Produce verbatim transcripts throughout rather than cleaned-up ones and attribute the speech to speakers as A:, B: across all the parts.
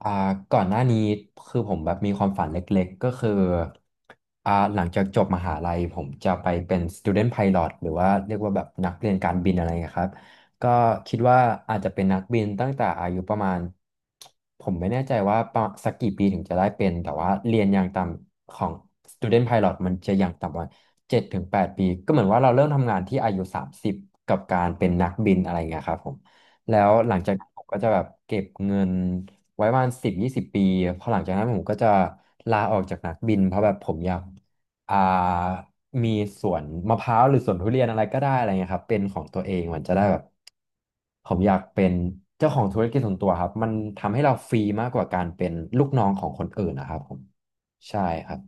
A: อ่าก่อนหน้านี้คือผมแบบมีความฝันเล็กๆก็คืออ่าหลังจากจบมหาลัยผมจะไปเป็น student pilot หรือว่าเรียกว่าแบบนักเรียนการบินอะไรเงี้ยครับก็คิดว่าอาจจะเป็นนักบินตั้งแต่อายุประมาณผมไม่แน่ใจว่าประมาณสักกี่ปีถึงจะได้เป็นแต่ว่าเรียนอย่างต่ำของ student pilot มันจะอย่างต่ำประมาณเจ็ดถึงแปดปีก็เหมือนว่าเราเริ่มทำงานที่อายุสามสิบกับการเป็นนักบินอะไรเงี้ยครับผมแล้วหลังจากนั้นผมก็จะแบบเก็บเงิน ไว้ประมาณสิบยี่สิบปีพอหลังจากนั้นผมก็จะลาออกจากนักบินเพราะแบบผมอยากอ่ามีสวนมะพร้าวหรือสวนทุเรียนอะไรก็ได้อะไรเงี้ยครับเป็นของตัวเองมันจะได้แบบผมอยากเป็นเจ้าของธุรกิจส่วนตัวครับมันทำให้เราฟรีมากกว่าการเป็นลูกน้องของคนอื่นนะครับผมใช่ครับ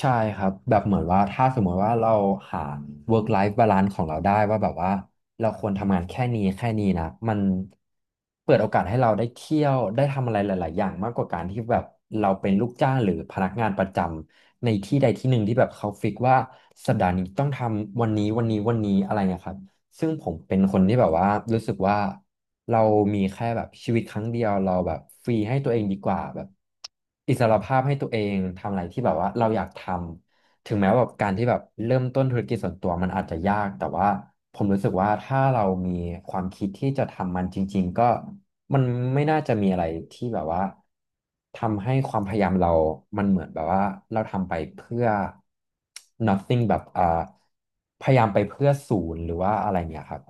A: ใช่ครับแบบเหมือนว่าถ้าสมมติว่าเราหา work life balance ของเราได้ว่าแบบว่าเราควรทำงานแค่นี้แค่นี้นะมันเปิดโอกาสให้เราได้เที่ยวได้ทำอะไรหลาย ๆ อย่างมากกว่าการที่แบบเราเป็นลูกจ้างหรือพนักงานประจำในที่ใดที่หนึ่งที่แบบเขาฟิกว่าสัปดาห์นี้ต้องทำวันนี้วันนี้วันนี้อะไรเงี้ยครับ ซึ่งผมเป็นคนที่แบบว่ารู้สึกว่าเรามีแค่แบบชีวิตครั้งเดียวเราแบบฟรีให้ตัวเองดีกว่าแบบอิสรภาพให้ตัวเองทำอะไรที่แบบว่าเราอยากทำถึงแม้ว่าแบบการที่แบบเริ่มต้นธุรกิจส่วนตัวมันอาจจะยากแต่ว่าผมรู้สึกว่าถ้าเรามีความคิดที่จะทำมันจริงๆก็ มันไม่น่าจะมีอะไรที่แบบว่าทำให้ความพยายามเรามันเหมือนแบบว่าเราทำไปเพื่อ nothing แบบอ่าพยายามไปเพื่อศูนย์หรือว่าอะไรเงี้ยครับ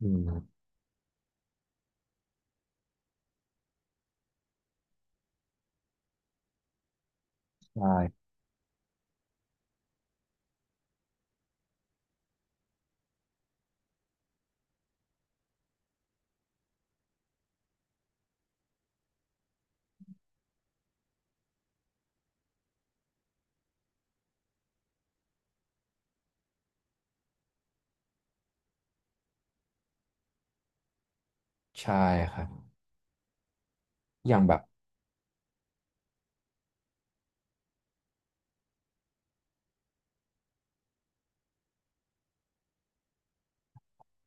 A: อืมใช่ใช่ครับอย่างแบบ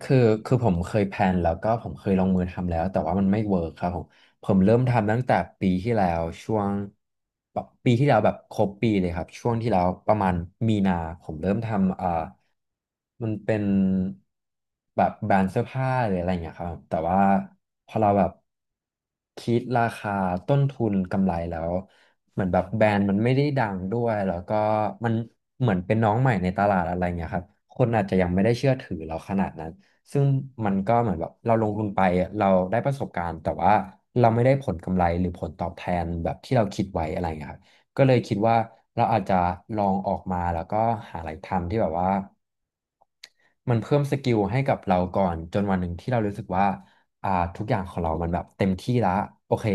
A: คือคือผมเคยแพลนแล้วก็ผมเคยลงมือทำแล้วแต่ว่ามันไม่เวิร์คครับผมผมเริ่มทำตั้งแต่ปีที่แล้วช่วงแบบปีที่แล้วแบบครบปีเลยครับช่วงที่แล้วประมาณมีนาผมเริ่มทำเอ่อมันเป็นแบบแบรนด์เสื้อผ้าหรืออะไรอย่างเงี้ยครับแต่ว่าพอเราแบบคิดราคาต้นทุนกำไรแล้วเหมือนแบบแบรนด์มันไม่ได้ดังด้วยแล้วก็มันเหมือนเป็นน้องใหม่ในตลาดอะไรเงี้ยครับคนอาจจะยังไม่ได้เชื่อถือเราขนาดนั้น ซึ่งมันก็เหมือนแบบเราลงทุนไปอะเราได้ประสบการณ์แต่ว่าเราไม่ได้ผลกำไรหรือผลตอบแทนแบบที่เราคิดไว้อะไรอย่างเงี้ยครับก็เลยคิดว่าเราอาจจะลองออกมาแล้วก็หาอะไรทำที่แบบว่ามันเพิ่มสกิลให้กับเราก่อนจนวันหนึ่งที่เรารู้สึกว่าอ่าทุกอย่างของเรามันแบบเต็มที่ละโอเค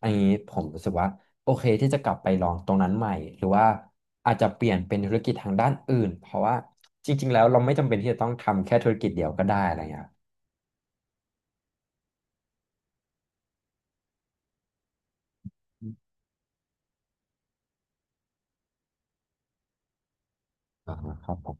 A: อันนี้ผมรู้สึกว่า โอเคที่จะกลับไปลองตรงนั้นใหม่หรือว่าอาจจะเปลี่ยนเป็นธุรกิจทางด้านอื่นเพราะว่าจริงๆแล้วเราไม่จำเป็นที่จะต้องทำแค่ธุรกิจเดียวก็ได้อะไรเงี้ยครัอ่าครับผม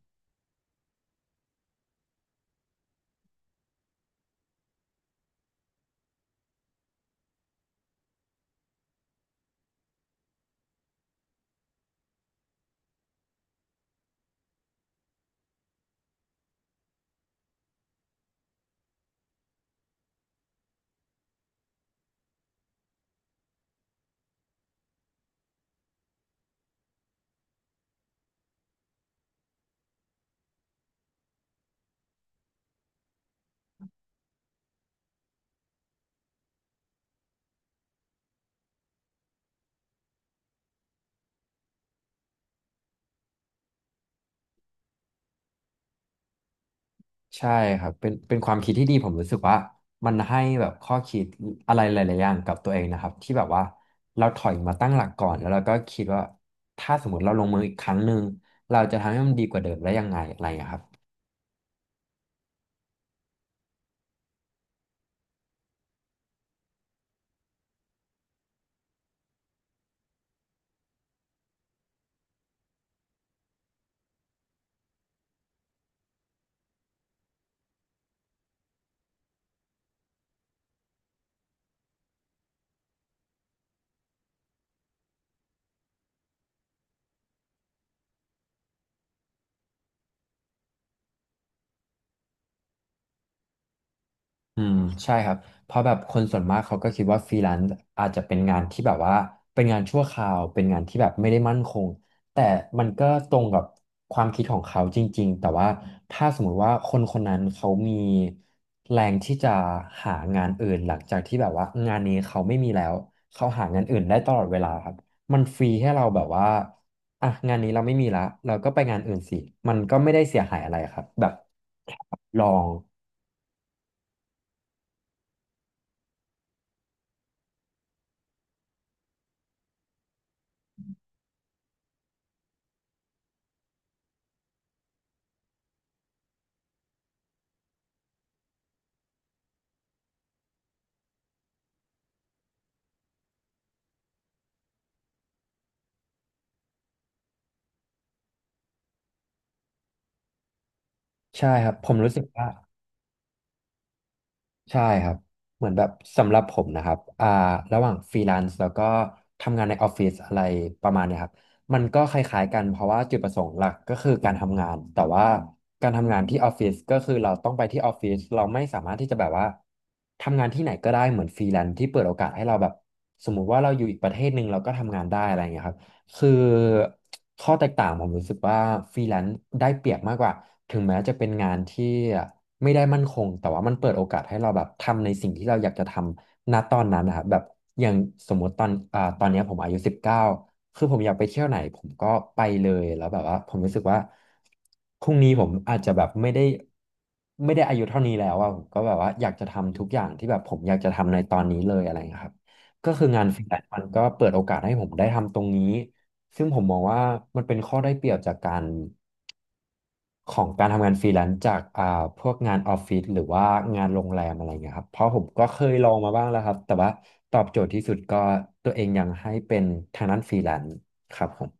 A: ใช่ครับเป็นเป็นความคิดที่ดีผมรู้สึกว่ามันให้แบบข้อคิดอะไรหลายๆอย่างกับตัวเองนะครับที่แบบว่าเราถอยมาตั้งหลักก่อนแล้วเราก็คิดว่าถ้าสมมติเราลงมืออีกครั้งหนึ่งเราจะทำให้มันดีกว่าเดิมได้ยังไงอะไรอย่างเงี้ยครับ อืมใช่ครับเพราะแบบคนส่วนมากเขาก็คิดว่าฟรีแลนซ์อาจจะเป็นงานที่แบบว่าเป็นงานชั่วคราวเป็นงานที่แบบไม่ได้มั่นคงแต่มันก็ตรงกับความคิดของเขาจริงๆแต่ว่าถ้าสมมุติว่าคนคนนั้นเขามีแรงที่จะหางานอื่นหลังจากที่แบบว่างานนี้เขาไม่มีแล้วเขาหางานอื่นได้ตลอดเวลาครับมันฟรีให้เราแบบว่าอ่ะงานนี้เราไม่มีละเราก็ไปงานอื่นสิมันก็ไม่ได้เสียหายอะไรครับแบบลองใช่ครับผมรู้สึกว่า ใช่ครับเหมือนแบบสำหรับผมนะครับอ่าระหว่างฟรีแลนซ์แล้วก็ทำงานในออฟฟิศอะไรประมาณเนี้ยครับมันก็คล้ายๆกันเพราะว่าจุดประสงค์หลักก็คือการทำงานแต่ว่าการทำงานที่ออฟฟิศก็คือเราต้องไปที่ออฟฟิศเราไม่สามารถที่จะแบบว่าทำงานที่ไหนก็ได้เหมือนฟรีแลนซ์ที่เปิดโอกาสให้เราแบบสมมุติว่าเราอยู่อีกประเทศหนึ่งเราก็ทำงานได้อะไรอย่างเงี้ยครับ คือข้อแตกต่างผมรู้สึกว่าฟรีแลนซ์ได้เปรียบมากกว่าถึงแม้จะเป็นงานที่ไม่ได้มั่นคงแต่ว่ามันเปิดโอกาสให้เราแบบทำในสิ่งที่เราอยากจะทำณตอนนั้นนะครับแบบอย่างสมมติตอนอ่าตอนเนี้ยผมอายุสิบเก้าคือผมอยากไปเที่ยวไหนผมก็ไปเลยแล้วแบบว่าผมรู้สึกว่าพรุ่งนี้ผมอาจจะแบบไม่ได้ไม่ได้อายุเท่านี้แล้วอะผมก็แบบว่าอยากจะทำทุกอย่างที่แบบผมอยากจะทำในตอนนี้เลยอะไรอย่างเงี้ยครับก็คืองานฟรีแลนซ์มันก็เปิดโอกาสให้ผมได้ทำตรงนี้ ซึ่งผมมองว่ามันเป็นข้อได้เปรียบจากการของการทำงานฟรีแลนซ์จากอ่าพวกงานออฟฟิศหรือว่างานโรงแรมอะไรเงี้ยครับเพราะผมก็เคยลองมาบ้างแล้วครับแต่ว่าตอบโจทย์ที่สุดก็ตัวเองยังให้เป็นทางด้านฟรีแลนซ์ครับผม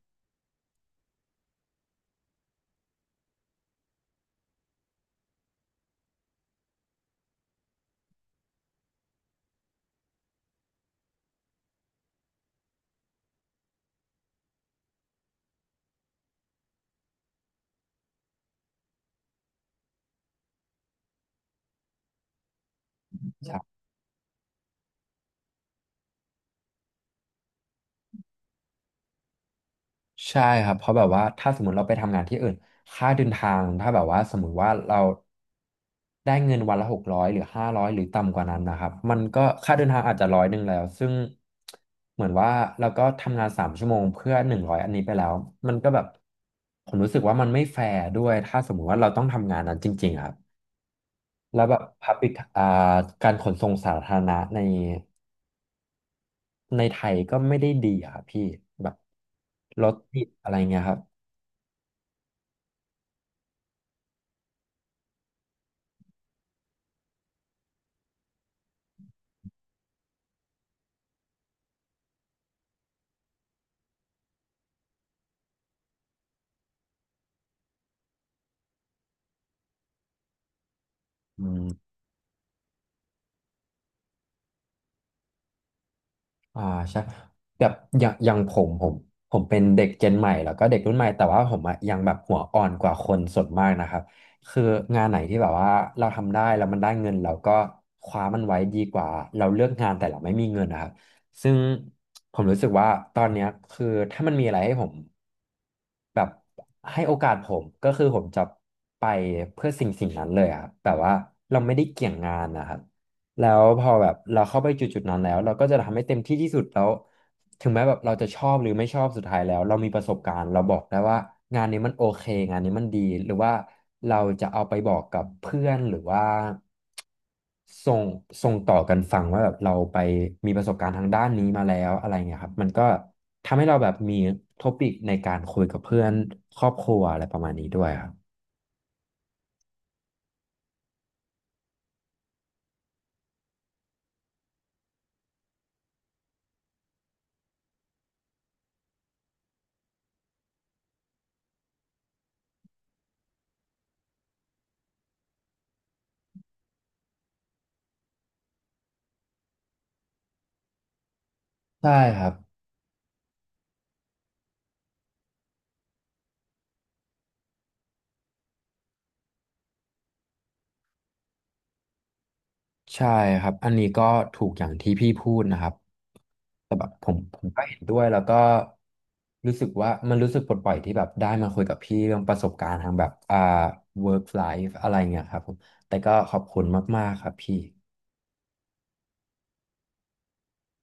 A: ใช่ครับเพราะแบบว่าถ้าสมมติเราไปทำงานที่อื่นค่าเดินทางถ้าแบบว่าสมมติว่าเราได้เงินวันละหกร้อยหรือห้าร้อยหรือต่ำกว่านั้นนะครับมันก็ค่าเดินทางอาจจะร้อยหนึ่งแล้วซึ่งเหมือนว่าเราก็ทำงานสามชั่วโมงเพื่อหนึ่งร้อยอันนี้ไปแล้วมันก็แบบผมรู้สึกว่ามันไม่แฟร์ด้วยถ้าสมมติว่าเราต้องทำงานนั้นจริงๆครับแล้วแบบ พับลิค อ่าการขนส่งสาธารณะในในไทยก็ไม่ได้ดีอะครับพี่แบบรถติดอะไรเงี้ยครับอืม อ่าใช่แบบอย่างอย่างผมผมผมเป็นเด็กเจนใหม่แล้วก็เด็กรุ่นใหม่แต่ว่าผมอะยังแบบหัวอ่อนกว่าคนส่วนมากนะครับคืองานไหนที่แบบว่าเราทำได้แล้วมันได้เงินเราก็คว้ามันไว้ดีกว่าเราเลือกงานแต่เราไม่มีเงินนะครับซึ่งผมรู้สึกว่าตอนเนี้ยคือถ้ามันมีอะไรให้ผมแบบให้โอกาสผมก็คือผมจะไปเพื่อสิ่งสิ่งนั้นเลยอะครับแบบว่าเราไม่ได้เกี่ยงงานนะครับ แล้วพอแบบเราเข้าไปจุดๆนั้นแล้วเราก็จะทำให้เต็มที่ที่สุดแล้วถึงแม้แบบเราจะชอบหรือไม่ชอบสุดท้ายแล้วเรามีประสบการณ์เราบอกได้ว่างานนี้มันโอเคงานนี้มันดีหรือว่าเราจะเอาไปบอกกับเพื่อนหรือว่าส่งส่งต่อกันฟังว่าแบบเราไปมีประสบการณ์ทางด้านนี้มาแล้วอะไรเงี้ยครับมันก็ทำให้เราแบบมีท็อปิกในการคุยกับเพื่อนครอบครัวอะไรประมาณนี้ด้วยครับใช่ครับใช่ครับอันนี้ก็ถูกอย่างที่พี่พูดนะครับ แต่แบบผมผมก็เห็นด้วยแล้วก็รู้สึกว่ามันรู้สึกปลดปล่อยที่แบบได้มาคุยกับพี่เรื่องประสบการณ์ทางแบบอ่า เวิร์คไลฟ์ อะไรเงี้ยครับผมแต่ก็ขอบคุณมากๆครับพี่